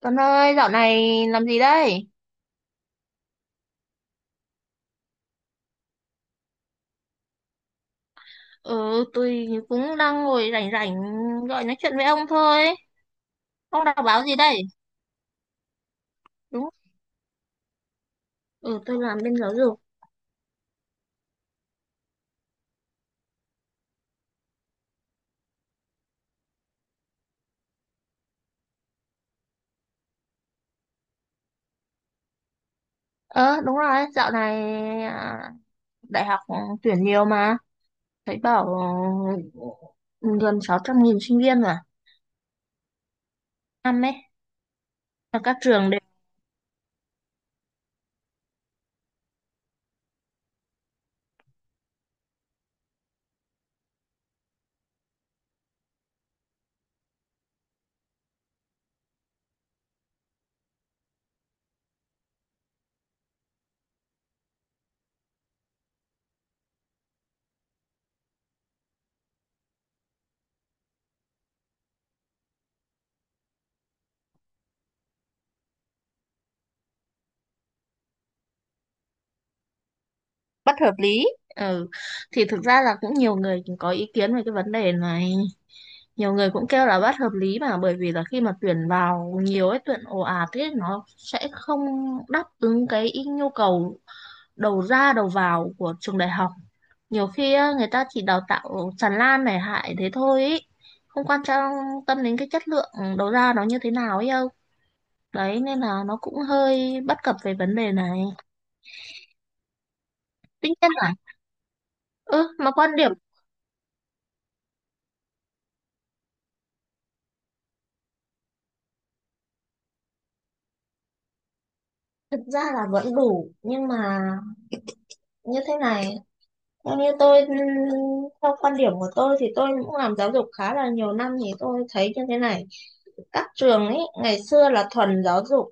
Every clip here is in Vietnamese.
Tuấn ơi, dạo này làm gì đây? Ừ, tôi cũng đang ngồi rảnh rảnh gọi nói chuyện với ông thôi. Ông đọc báo gì đây? Đúng. Ừ, tôi làm bên giáo dục. Ờ, Đúng rồi, dạo này à, đại học tuyển nhiều mà. Thấy bảo ừ, gần 600.000 sinh viên mà. Năm ấy, mà các trường bất hợp lý. Ừ, thì thực ra là cũng nhiều người cũng có ý kiến về cái vấn đề này, nhiều người cũng kêu là bất hợp lý, mà bởi vì là khi mà tuyển vào nhiều ấy, tuyển ồ ạt thế, nó sẽ không đáp ứng nhu cầu đầu ra đầu vào của trường đại học. Nhiều khi á, người ta chỉ đào tạo tràn lan này hại thế thôi ý. Không quan trọng tâm đến cái chất lượng đầu ra nó như thế nào ấy đâu, đấy nên là nó cũng hơi bất cập về vấn đề này. Tuy nhiên là, ừ, mà quan điểm, thực ra là vẫn đủ nhưng mà như thế này, theo như tôi, theo quan điểm của tôi thì tôi cũng làm giáo dục khá là nhiều năm, thì tôi thấy như thế này. Các trường ấy ngày xưa là thuần giáo dục,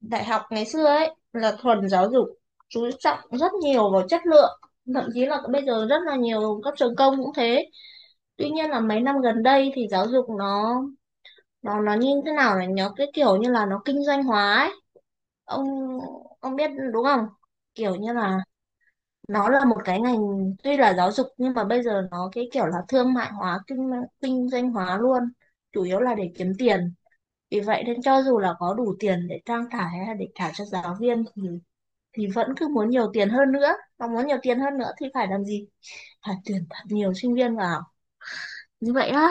đại học ngày xưa ấy là thuần giáo dục, chú trọng rất nhiều vào chất lượng, thậm chí là bây giờ rất là nhiều các trường công cũng thế. Tuy nhiên là mấy năm gần đây thì giáo dục nó như thế nào này, nó cái kiểu như là nó kinh doanh hóa ấy, ông ông biết đúng không? Kiểu như là nó là một cái ngành, tuy là giáo dục nhưng mà bây giờ nó cái kiểu là thương mại hóa, kinh kinh doanh hóa luôn, chủ yếu là để kiếm tiền. Vì vậy nên cho dù là có đủ tiền để trang trải hay là để trả cho giáo viên thì vẫn cứ muốn nhiều tiền hơn nữa, và muốn nhiều tiền hơn nữa thì phải làm gì? Phải tuyển thật nhiều sinh viên vào như vậy á.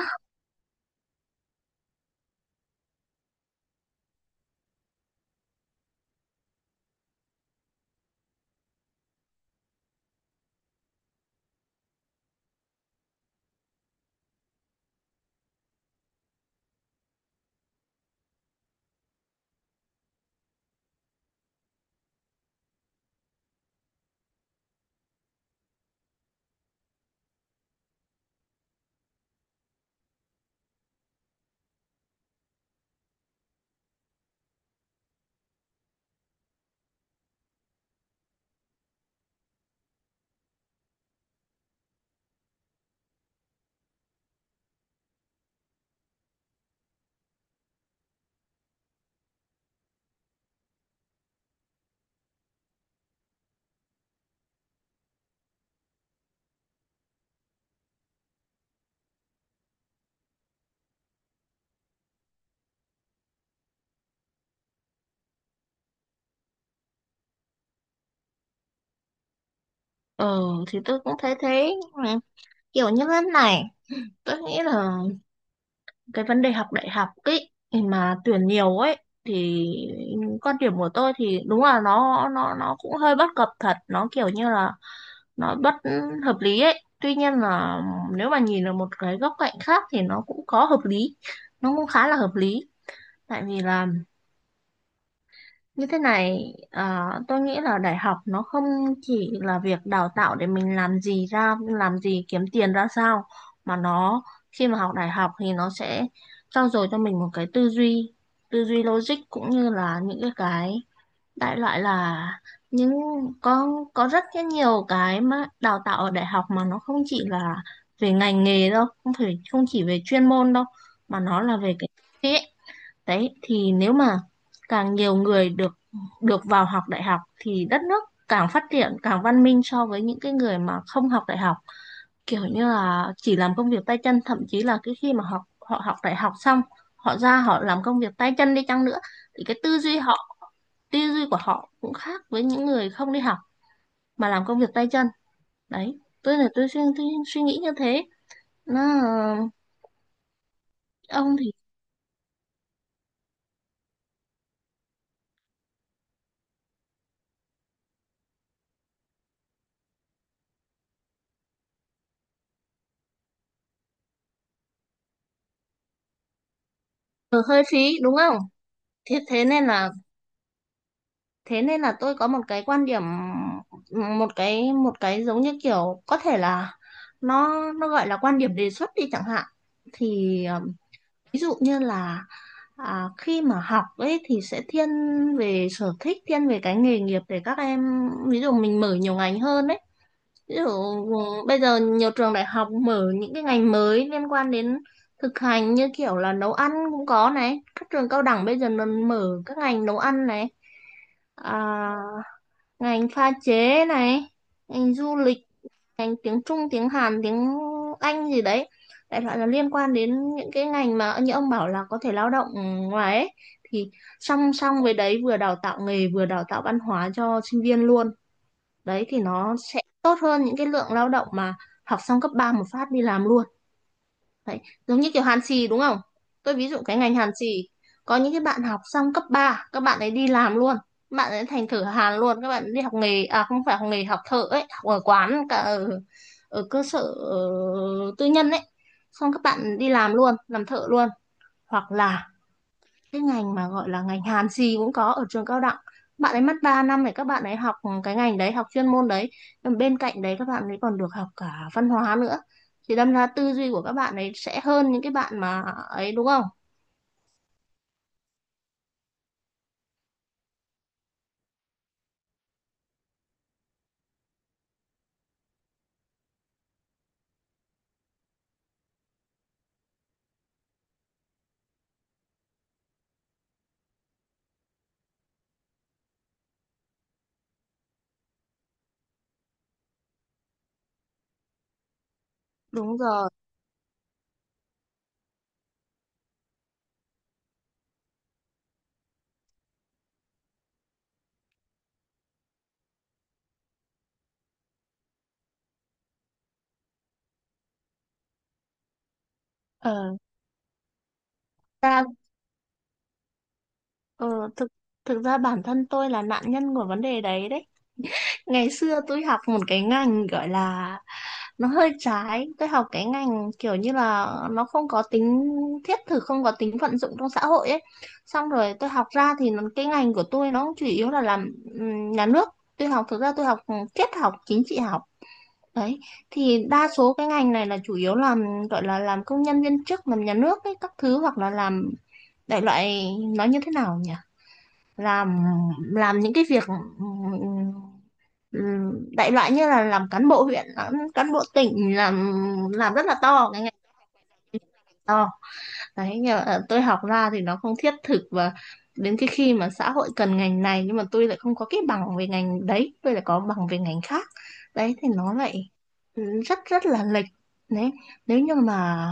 ờ thì tôi cũng thấy thế. Ừ, Kiểu như thế này, tôi nghĩ là cái vấn đề học đại học ấy, mà tuyển nhiều ấy, thì quan điểm của tôi thì đúng là nó cũng hơi bất cập thật, nó kiểu như là nó bất hợp lý ấy. Tuy nhiên là nếu mà nhìn ở một cái góc cạnh khác thì nó cũng có hợp lý, nó cũng khá là hợp lý. Tại vì là như thế này, tôi nghĩ là đại học nó không chỉ là việc đào tạo để mình làm gì ra, làm gì kiếm tiền ra sao, mà nó, khi mà học đại học thì nó sẽ trau dồi cho mình một cái tư duy logic, cũng như là những cái đại loại là những, có có rất cái nhiều cái mà đào tạo ở đại học mà nó không chỉ là về ngành nghề đâu, không phải không chỉ về chuyên môn đâu, mà nó là về cái. Đấy, thì nếu mà càng nhiều người được được vào học đại học thì đất nước càng phát triển, càng văn minh so với những cái người mà không học đại học, kiểu như là chỉ làm công việc tay chân. Thậm chí là cái khi mà học, họ học đại học xong, họ ra họ làm công việc tay chân đi chăng nữa, thì cái tư duy họ, tư duy của họ cũng khác với những người không đi học mà làm công việc tay chân. Đấy, tôi là tôi suy nghĩ như thế. Nó ông thì hơi phí đúng không? Thế thế nên là, thế nên là tôi có một cái quan điểm, một cái giống như kiểu có thể là nó gọi là quan điểm đề xuất đi chẳng hạn. Thì ví dụ như là, khi mà học ấy thì sẽ thiên về sở thích, thiên về cái nghề nghiệp để các em, ví dụ mình mở nhiều ngành hơn ấy. Ví dụ bây giờ nhiều trường đại học mở những cái ngành mới liên quan đến thực hành, như kiểu là nấu ăn cũng có này, các trường cao đẳng bây giờ nó mở các ngành nấu ăn này, à, ngành pha chế này, ngành du lịch, ngành tiếng Trung, tiếng Hàn, tiếng Anh gì đấy, đại loại là liên quan đến những cái ngành mà như ông bảo là có thể lao động ngoài ấy. Thì song song với đấy, vừa đào tạo nghề vừa đào tạo văn hóa cho sinh viên luôn, đấy thì nó sẽ tốt hơn những cái lượng lao động mà học xong cấp 3 một phát đi làm luôn. Đấy, giống như kiểu hàn xì đúng không? Tôi ví dụ cái ngành hàn xì, có những cái bạn học xong cấp 3 các bạn ấy đi làm luôn, các bạn ấy thành thợ hàn luôn. Các bạn đi học nghề, à không phải học nghề, học thợ ấy, học ở quán cả ở, ở cơ sở ờ, tư nhân ấy. Xong các bạn đi làm luôn, làm thợ luôn. Hoặc là cái ngành mà gọi là ngành hàn gì cũng có ở trường cao đẳng, bạn ấy mất 3 năm để các bạn ấy học, cái ngành đấy học chuyên môn đấy. Còn bên cạnh đấy các bạn ấy còn được học cả văn hóa nữa, thì đâm ra tư duy của các bạn ấy sẽ hơn những cái bạn mà ấy đúng không? Đúng rồi. ờ ta ờ, thực, thực ra bản thân tôi là nạn nhân của vấn đề đấy đấy. Ngày xưa tôi học một cái ngành gọi là nó hơi trái. Tôi học cái ngành kiểu như là nó không có tính thiết thực, không có tính vận dụng trong xã hội ấy. Xong rồi tôi học ra thì cái ngành của tôi nó chủ yếu là làm nhà nước. Tôi học, thực ra tôi học triết học, chính trị học. Đấy. Thì đa số cái ngành này là chủ yếu làm, gọi là làm công nhân viên chức, làm nhà nước ấy, các thứ, hoặc là làm, đại loại nó như thế nào nhỉ? làm làm những cái việc, ừm, đại loại như là làm cán bộ huyện, làm cán bộ tỉnh, làm rất là to cái ngành to đấy. Nhưng mà tôi học ra thì nó không thiết thực, và đến cái khi mà xã hội cần ngành này nhưng mà tôi lại không có cái bằng về ngành đấy, tôi lại có bằng về ngành khác, đấy thì nó lại, rất rất là lệch. Đấy, nếu như mà,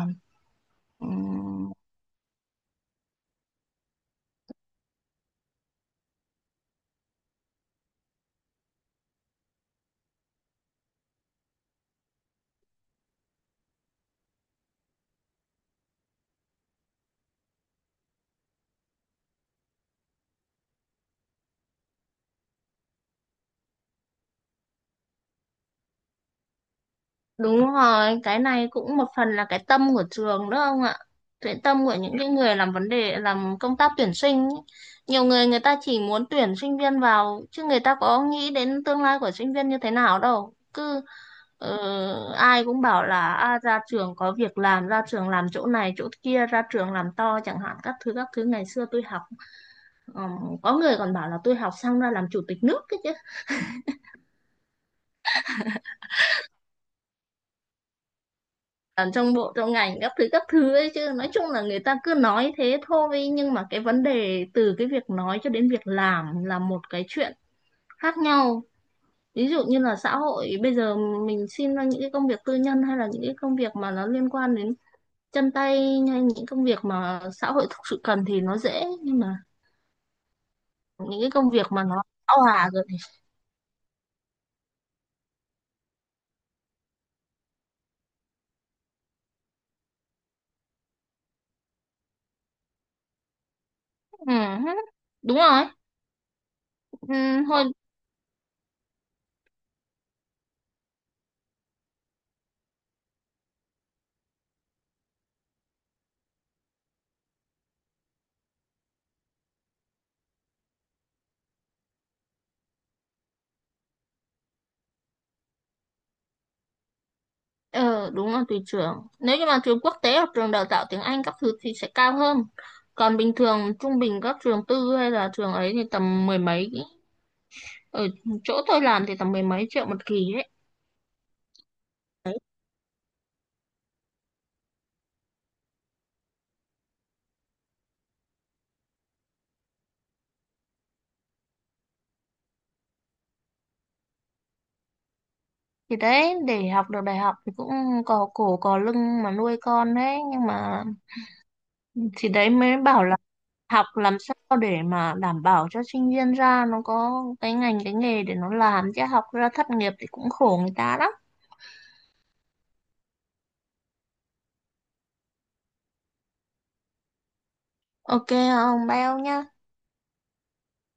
ừ, đúng rồi. Cái này cũng một phần là cái tâm của trường đó ông ạ. Cái tâm của những cái người làm vấn đề làm công tác tuyển sinh ý. Nhiều người người ta chỉ muốn tuyển sinh viên vào chứ người ta có nghĩ đến tương lai của sinh viên như thế nào đâu. Cứ ờ, ai cũng bảo là à, ra trường có việc làm, ra trường làm chỗ này chỗ kia, ra trường làm to chẳng hạn các thứ ngày xưa tôi học. Có người còn bảo là tôi học xong ra làm chủ tịch nước cái chứ. Ở trong bộ trong ngành các thứ ấy chứ nói chung là người ta cứ nói thế thôi nhưng mà cái vấn đề từ cái việc nói cho đến việc làm là một cái chuyện khác nhau ví dụ như là xã hội bây giờ mình xin ra những cái công việc tư nhân hay là những cái công việc mà nó liên quan đến chân tay hay những công việc mà xã hội thực sự cần thì nó dễ nhưng mà những cái công việc mà nó bão hòa rồi thì ừ, đúng rồi ừ, thôi. Ờ, đúng là tùy trường. Nếu như mà trường quốc tế hoặc trường đào tạo tiếng Anh các thứ thì sẽ cao hơn. Còn bình thường trung bình các trường tư hay là trường ấy thì tầm mười mấy. Ở chỗ tôi làm thì tầm mười mấy triệu một kỳ ấy. Thì đấy, để học được đại học thì cũng cò cổ cò lưng mà nuôi con đấy. Nhưng mà thì đấy mới bảo là học làm sao để mà đảm bảo cho sinh viên ra nó có cái ngành cái nghề để nó làm, chứ học ra thất nghiệp thì cũng khổ người ta lắm. Ok không? Bao nhá.